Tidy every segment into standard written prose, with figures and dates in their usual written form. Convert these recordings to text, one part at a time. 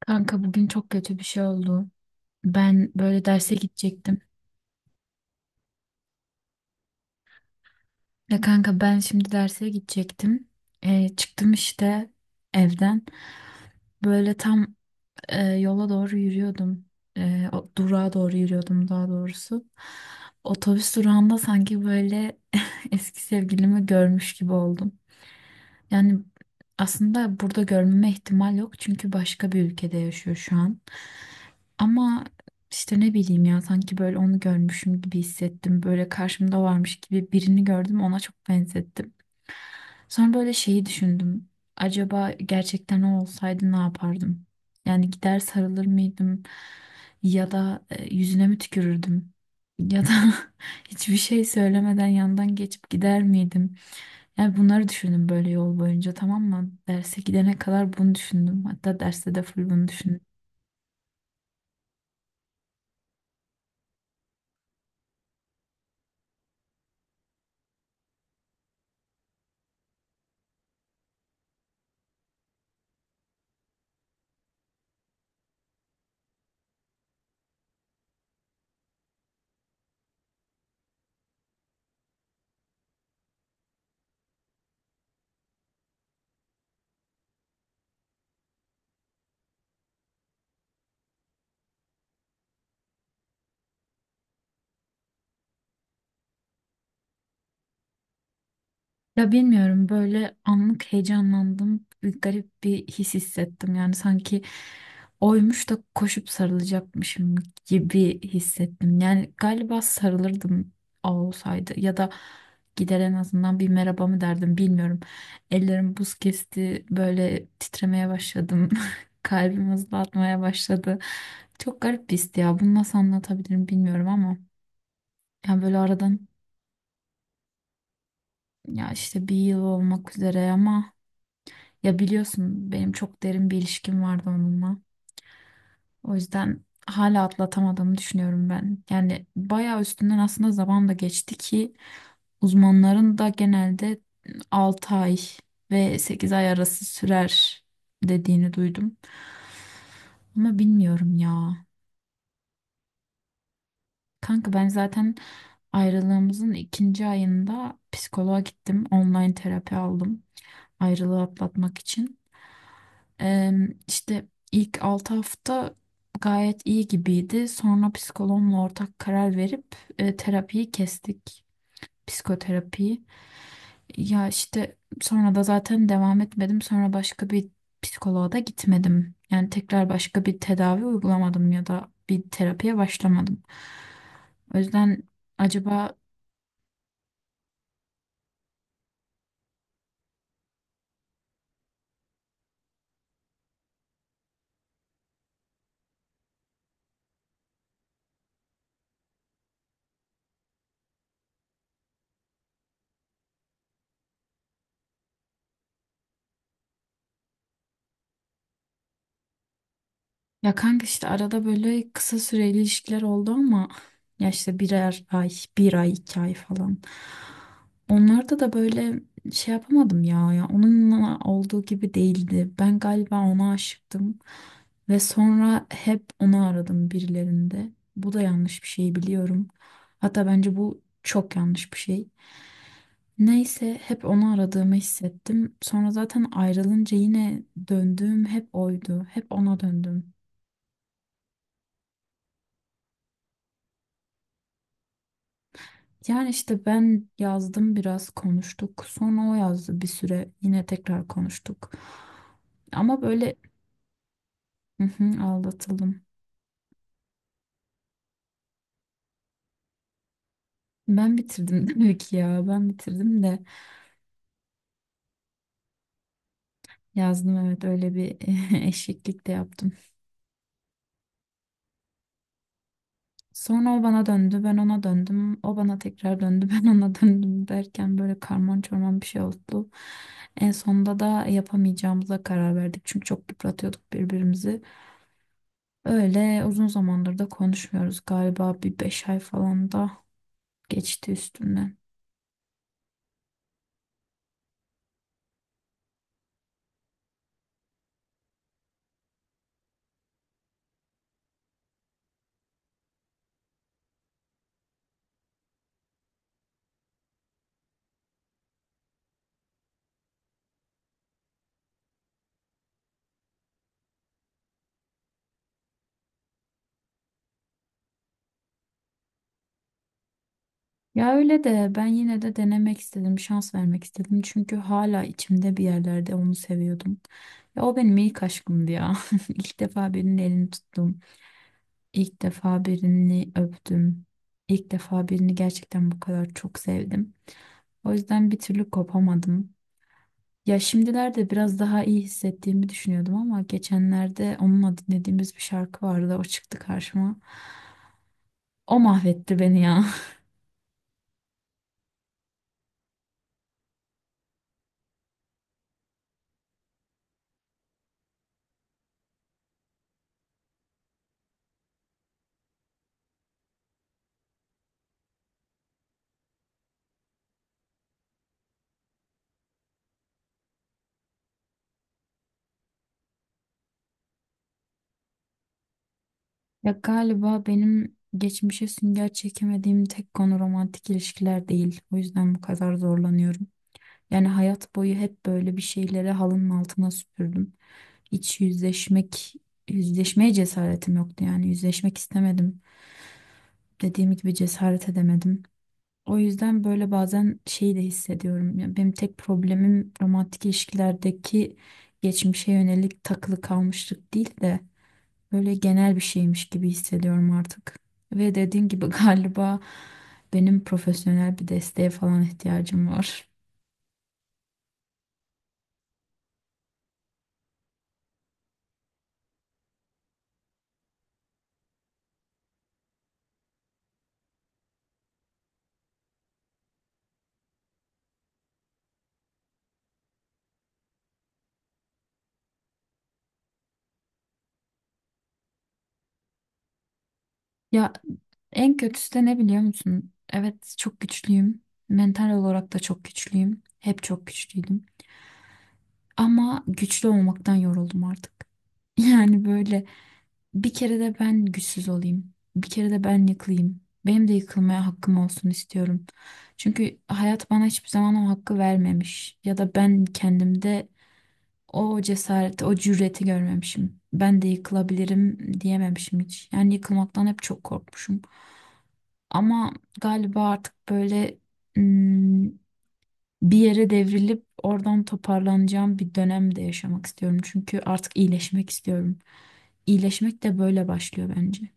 Kanka bugün çok kötü bir şey oldu. Ben böyle derse gidecektim. Ya kanka ben şimdi derse gidecektim. Çıktım işte evden. Böyle tam yola doğru yürüyordum. Durağa doğru yürüyordum daha doğrusu. Otobüs durağında sanki böyle eski sevgilimi görmüş gibi oldum. Yani aslında burada görmeme ihtimal yok çünkü başka bir ülkede yaşıyor şu an. Ama işte ne bileyim ya sanki böyle onu görmüşüm gibi hissettim. Böyle karşımda varmış gibi birini gördüm ona çok benzettim. Sonra böyle şeyi düşündüm. Acaba gerçekten o olsaydı ne yapardım? Yani gider sarılır mıydım? Ya da yüzüne mi tükürürdüm? Ya da hiçbir şey söylemeden yandan geçip gider miydim? Yani bunları düşündüm böyle yol boyunca, tamam mı? Derse gidene kadar bunu düşündüm. Hatta derste de full bunu düşündüm. Ya bilmiyorum, böyle anlık heyecanlandım. Bir garip bir his hissettim. Yani sanki oymuş da koşup sarılacakmışım gibi hissettim. Yani galiba sarılırdım o olsaydı, ya da gider en azından bir merhaba mı derdim bilmiyorum. Ellerim buz kesti, böyle titremeye başladım. Kalbim hızlı atmaya başladı. Çok garip bir histi ya. Bunu nasıl anlatabilirim bilmiyorum ama. Yani böyle aradan, ya işte bir yıl olmak üzere ama. Ya biliyorsun benim çok derin bir ilişkim vardı onunla. O yüzden hala atlatamadığımı düşünüyorum ben. Yani bayağı üstünden aslında zaman da geçti ki, uzmanların da genelde 6 ay ve 8 ay arası sürer dediğini duydum. Ama bilmiyorum ya. Kanka ben zaten ayrılığımızın ikinci ayında psikoloğa gittim. Online terapi aldım ayrılığı atlatmak için. Eee işte ilk 6 hafta gayet iyi gibiydi. Sonra psikoloğumla ortak karar verip terapiyi kestik. Psikoterapiyi. Ya işte sonra da zaten devam etmedim. Sonra başka bir psikoloğa da gitmedim. Yani tekrar başka bir tedavi uygulamadım ya da bir terapiye başlamadım. O yüzden acaba. Ya kanka işte arada böyle kısa süreli ilişkiler oldu ama, ya işte birer ay, bir ay, 2 ay falan. Onlarda da böyle şey yapamadım ya, ya onunla olduğu gibi değildi. Ben galiba ona aşıktım ve sonra hep onu aradım birilerinde. Bu da yanlış bir şey biliyorum. Hatta bence bu çok yanlış bir şey. Neyse, hep onu aradığımı hissettim. Sonra zaten ayrılınca yine döndüğüm hep oydu. Hep ona döndüm. Yani işte ben yazdım, biraz konuştuk. Sonra o yazdı bir süre. Yine tekrar konuştuk. Ama böyle hı hı, aldatıldım. Ben bitirdim demek ki ya. Ben bitirdim de yazdım, evet, öyle bir eşeklik de yaptım. Sonra o bana döndü, ben ona döndüm. O bana tekrar döndü, ben ona döndüm derken böyle karman çorman bir şey oldu. En sonunda da yapamayacağımıza karar verdik. Çünkü çok yıpratıyorduk birbirimizi. Öyle uzun zamandır da konuşmuyoruz, galiba bir 5 ay falan da geçti üstünden. Ya öyle de ben yine de denemek istedim, şans vermek istedim. Çünkü hala içimde bir yerlerde onu seviyordum. Ya o benim ilk aşkımdı ya. İlk defa birinin elini tuttum. İlk defa birini öptüm. İlk defa birini gerçekten bu kadar çok sevdim. O yüzden bir türlü kopamadım. Ya şimdilerde biraz daha iyi hissettiğimi düşünüyordum ama geçenlerde onunla dinlediğimiz bir şarkı vardı. O çıktı karşıma. O mahvetti beni ya. Ya galiba benim geçmişe sünger çekemediğim tek konu romantik ilişkiler değil. O yüzden bu kadar zorlanıyorum. Yani hayat boyu hep böyle bir şeyleri halının altına süpürdüm. Hiç yüzleşmek, Yüzleşmeye cesaretim yoktu yani. Yüzleşmek istemedim. Dediğim gibi cesaret edemedim. O yüzden böyle bazen şeyi de hissediyorum. Yani benim tek problemim romantik ilişkilerdeki geçmişe yönelik takılı kalmışlık değil de böyle genel bir şeymiş gibi hissediyorum artık. Ve dediğim gibi galiba benim profesyonel bir desteğe falan ihtiyacım var. Ya en kötüsü de ne biliyor musun? Evet, çok güçlüyüm. Mental olarak da çok güçlüyüm. Hep çok güçlüydüm. Ama güçlü olmaktan yoruldum artık. Yani böyle, bir kere de ben güçsüz olayım. Bir kere de ben yıkılayım. Benim de yıkılmaya hakkım olsun istiyorum. Çünkü hayat bana hiçbir zaman o hakkı vermemiş. Ya da ben kendimde o cesareti, o cüreti görmemişim. Ben de yıkılabilirim diyememişim hiç. Yani yıkılmaktan hep çok korkmuşum. Ama galiba artık böyle hmm, bir yere devrilip oradan toparlanacağım bir dönemde yaşamak istiyorum. Çünkü artık iyileşmek istiyorum. İyileşmek de böyle başlıyor bence.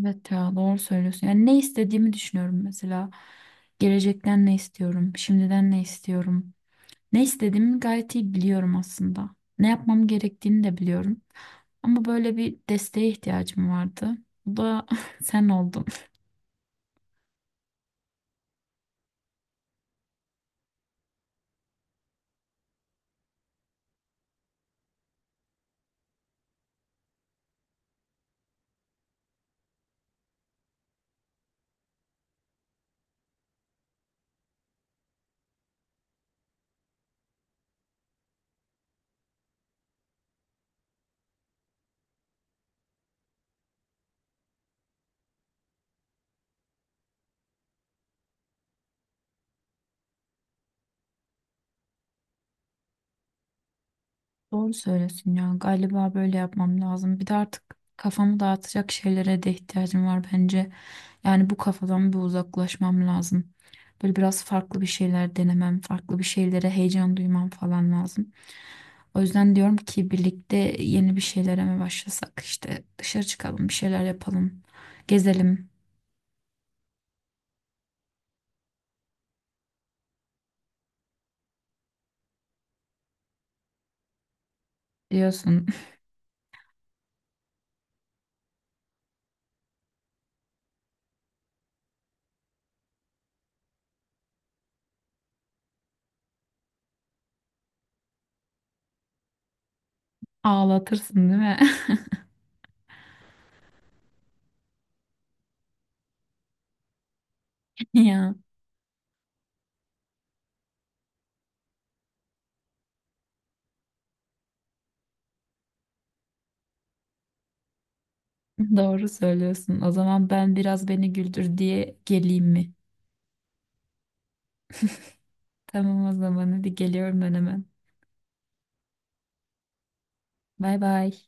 Evet ya, doğru söylüyorsun. Yani ne istediğimi düşünüyorum mesela. Gelecekten ne istiyorum? Şimdiden ne istiyorum? Ne istediğimi gayet iyi biliyorum aslında. Ne yapmam gerektiğini de biliyorum. Ama böyle bir desteğe ihtiyacım vardı. Bu da sen oldun. Doğru söylüyorsun ya. Galiba böyle yapmam lazım. Bir de artık kafamı dağıtacak şeylere de ihtiyacım var bence. Yani bu kafadan bir uzaklaşmam lazım. Böyle biraz farklı bir şeyler denemem, farklı bir şeylere heyecan duymam falan lazım. O yüzden diyorum ki birlikte yeni bir şeylere mi başlasak? İşte dışarı çıkalım, bir şeyler yapalım, gezelim diyorsun. Ağlatırsın değil mi? Ya doğru söylüyorsun. O zaman ben biraz beni güldür diye geleyim mi? Tamam, o zaman hadi geliyorum ben hemen. Bay bay.